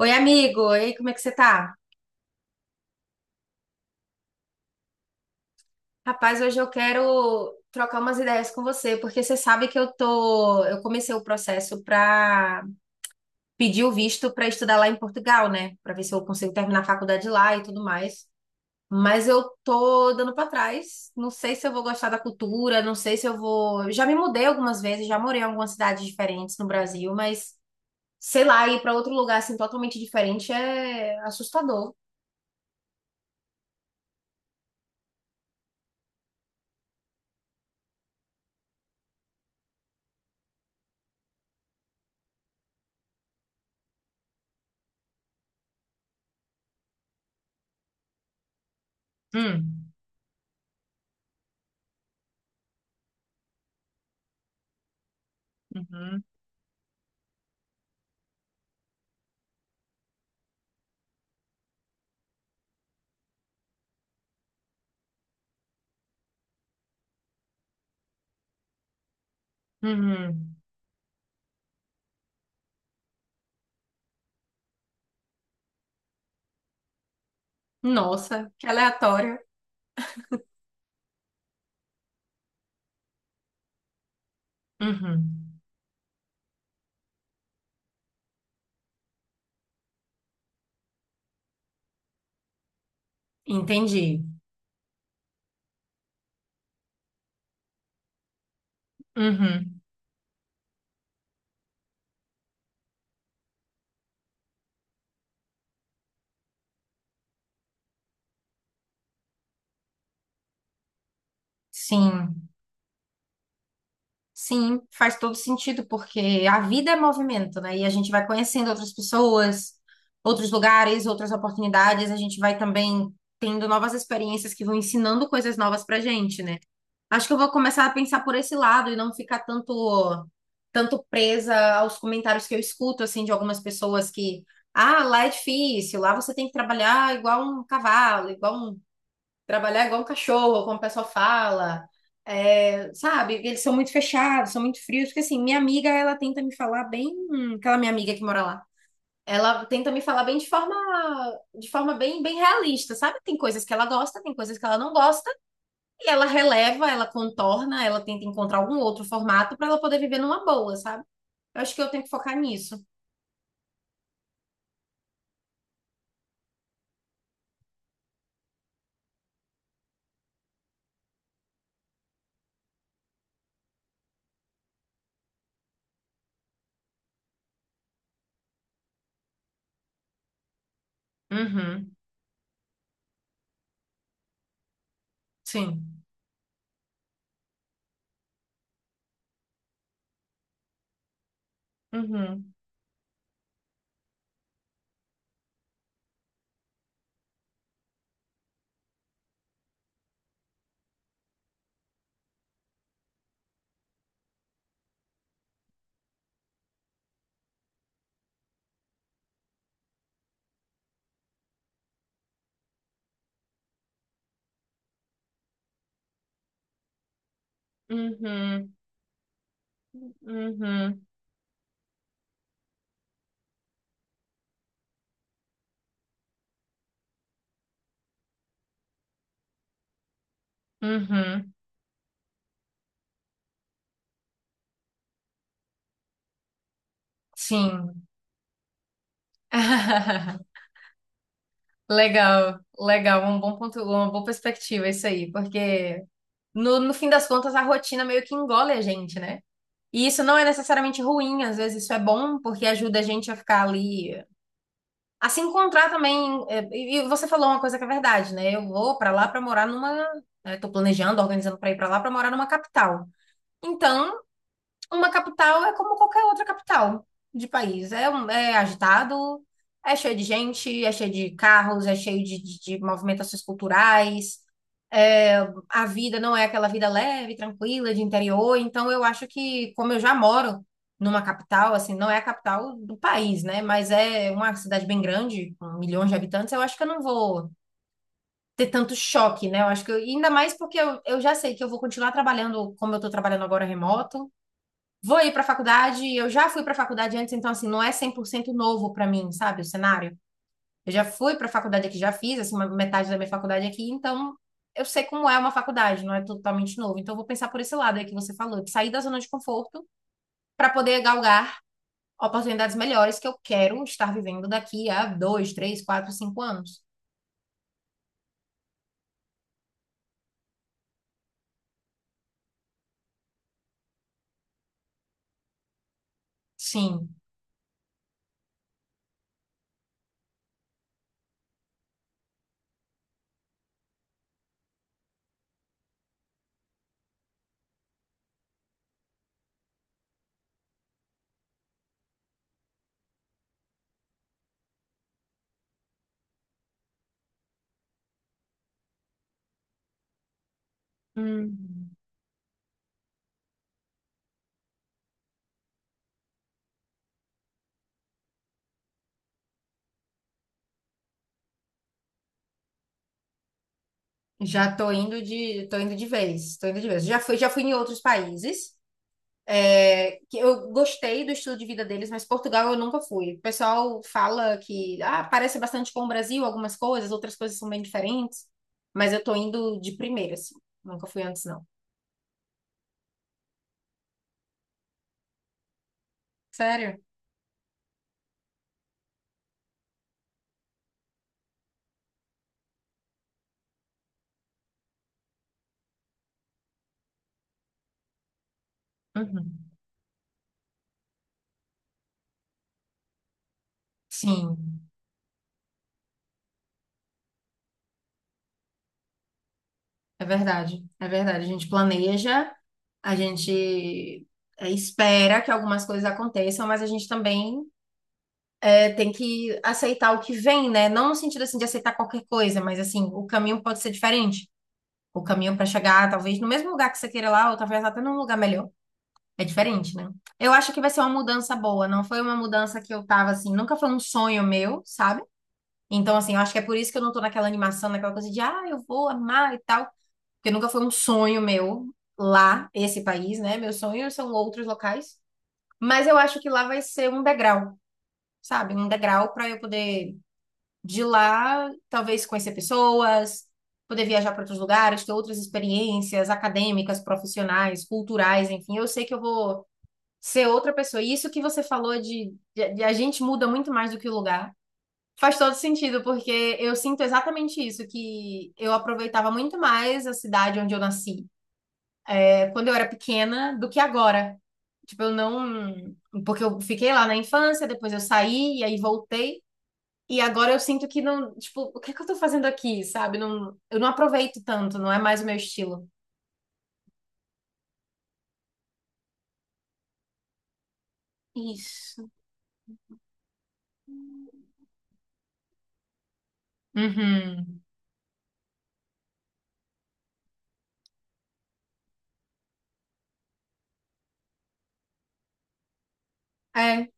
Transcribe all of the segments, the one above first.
Oi, amigo. E aí, como é que você tá? Rapaz, hoje eu quero trocar umas ideias com você, porque você sabe que eu comecei o processo para pedir o visto para estudar lá em Portugal, né? Para ver se eu consigo terminar a faculdade lá e tudo mais. Mas eu tô dando para trás. Não sei se eu vou gostar da cultura, não sei se eu vou. Eu Já me mudei algumas vezes, já morei em algumas cidades diferentes no Brasil, mas sei lá, ir para outro lugar assim totalmente diferente é assustador. Hum. Uhum. Uhum. Nossa, que aleatório. Uhum. Entendi. Uhum. Sim, sim, faz todo sentido, porque a vida é movimento, né? E a gente vai conhecendo outras pessoas, outros lugares, outras oportunidades, a gente vai também tendo novas experiências que vão ensinando coisas novas pra gente, né? Acho que eu vou começar a pensar por esse lado e não ficar tanto, presa aos comentários que eu escuto, assim, de algumas pessoas que. Ah, lá é difícil, lá você tem que trabalhar igual um cavalo, igual um trabalhar igual um cachorro, como o pessoal fala. É, sabe, eles são muito fechados, são muito frios, porque assim, minha amiga, ela tenta me falar bem, aquela minha amiga que mora lá. Ela tenta me falar bem de forma bem, bem realista, sabe? Tem coisas que ela gosta, tem coisas que ela não gosta, e ela releva, ela contorna, ela tenta encontrar algum outro formato para ela poder viver numa boa, sabe? Eu acho que eu tenho que focar nisso. Uhum, sim. Uhum, uhum, uhum, uhum, sim. Legal, legal, um bom ponto, uma boa perspectiva isso aí, porque no fim das contas a rotina meio que engole a gente, né? E isso não é necessariamente ruim, às vezes isso é bom, porque ajuda a gente a ficar ali, a se encontrar também. E você falou uma coisa que é verdade, né? Eu vou pra lá pra morar numa, né, tô planejando, organizando pra ir pra lá pra morar numa capital. Então, uma capital é como qualquer outra capital de país. É, é agitado, é cheio de gente, é cheio de carros, é cheio de movimentações culturais. É, a vida não é aquela vida leve, tranquila, de interior. Então, eu acho que, como eu já moro numa capital, assim, não é a capital do país, né? Mas é uma cidade bem grande, com milhões de habitantes, eu acho que eu não vou ter tanto choque, né? Eu acho que ainda mais porque eu já sei que eu vou continuar trabalhando como eu estou trabalhando agora remoto. Vou ir para a faculdade, eu já fui para a faculdade antes, então assim, não é 100% novo para mim, sabe, o cenário. Eu já fui para a faculdade aqui, já fiz assim uma metade da minha faculdade aqui, então eu sei como é uma faculdade, não é totalmente novo. Então eu vou pensar por esse lado aí que você falou, de sair da zona de conforto para poder galgar oportunidades melhores que eu quero estar vivendo daqui a 2, 3, 4, 5 anos. Sim. Hum. Já tô indo de vez, tô indo de vez. Já fui em outros países. É, que eu gostei do estilo de vida deles, mas Portugal eu nunca fui. O pessoal fala que ah, parece bastante com o Brasil, algumas coisas, outras coisas são bem diferentes, mas eu tô indo de primeira, assim. Nunca fui antes, não. Sério? Uhum. Sim, é verdade. É verdade. A gente planeja, a gente espera que algumas coisas aconteçam, mas a gente também tem que aceitar o que vem, né? Não no sentido assim de aceitar qualquer coisa, mas assim, o caminho pode ser diferente. O caminho para chegar, talvez, no mesmo lugar que você queira lá, ou talvez até num lugar melhor. É diferente, né? Eu acho que vai ser uma mudança boa. Não foi uma mudança que eu tava assim, nunca foi um sonho meu, sabe? Então, assim, eu acho que é por isso que eu não tô naquela animação, naquela coisa de, ah, eu vou amar e tal. Porque nunca foi um sonho meu lá, esse país, né? Meus sonhos são outros locais. Mas eu acho que lá vai ser um degrau, sabe? Um degrau para eu poder de lá talvez conhecer pessoas, poder viajar para outros lugares, ter outras experiências acadêmicas, profissionais, culturais, enfim. Eu sei que eu vou ser outra pessoa. E isso que você falou de a gente muda muito mais do que o lugar. Faz todo sentido, porque eu sinto exatamente isso, que eu aproveitava muito mais a cidade onde eu nasci, quando eu era pequena, do que agora. Tipo, eu não. Porque eu fiquei lá na infância, depois eu saí e aí voltei. E agora eu sinto que não, tipo, o que é que eu tô fazendo aqui, sabe? Não, eu não aproveito tanto, não é mais o meu estilo. Isso. Uhum. É,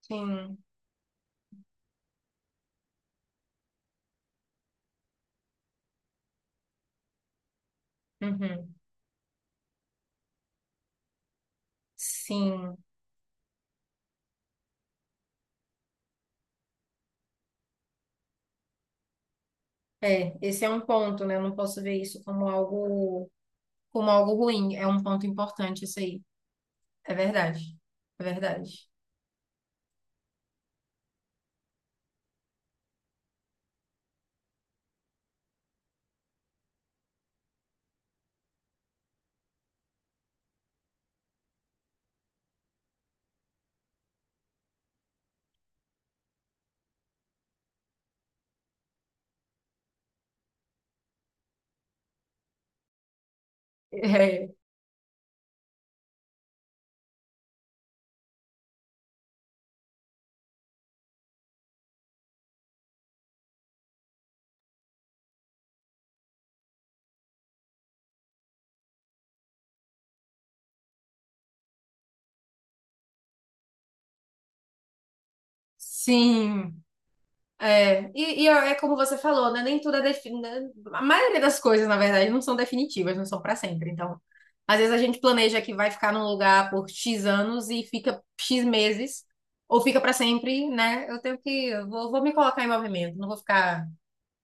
sim. Uhum. Sim. É, esse é um ponto, né? Eu não posso ver isso como algo ruim. É um ponto importante isso aí. É verdade. É verdade. É. Sim. É. Como você falou, né? Nem tudo é definido. A maioria das coisas, na verdade, não são definitivas, não são para sempre. Então, às vezes a gente planeja que vai ficar num lugar por X anos e fica X meses, ou fica para sempre, né? Eu tenho que. Eu Vou, vou me colocar em movimento, não vou ficar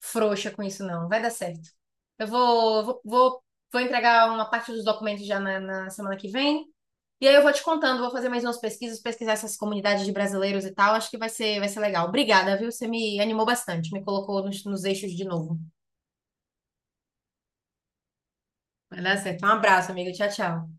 frouxa com isso, não. Vai dar certo. Eu vou entregar uma parte dos documentos já na semana que vem. E aí eu vou te contando, vou fazer mais umas pesquisas, pesquisar essas comunidades de brasileiros e tal. Acho que vai ser legal. Obrigada, viu? Você me animou bastante, me colocou nos eixos de novo. Vai dar certo. Um abraço, amigo. Tchau, tchau.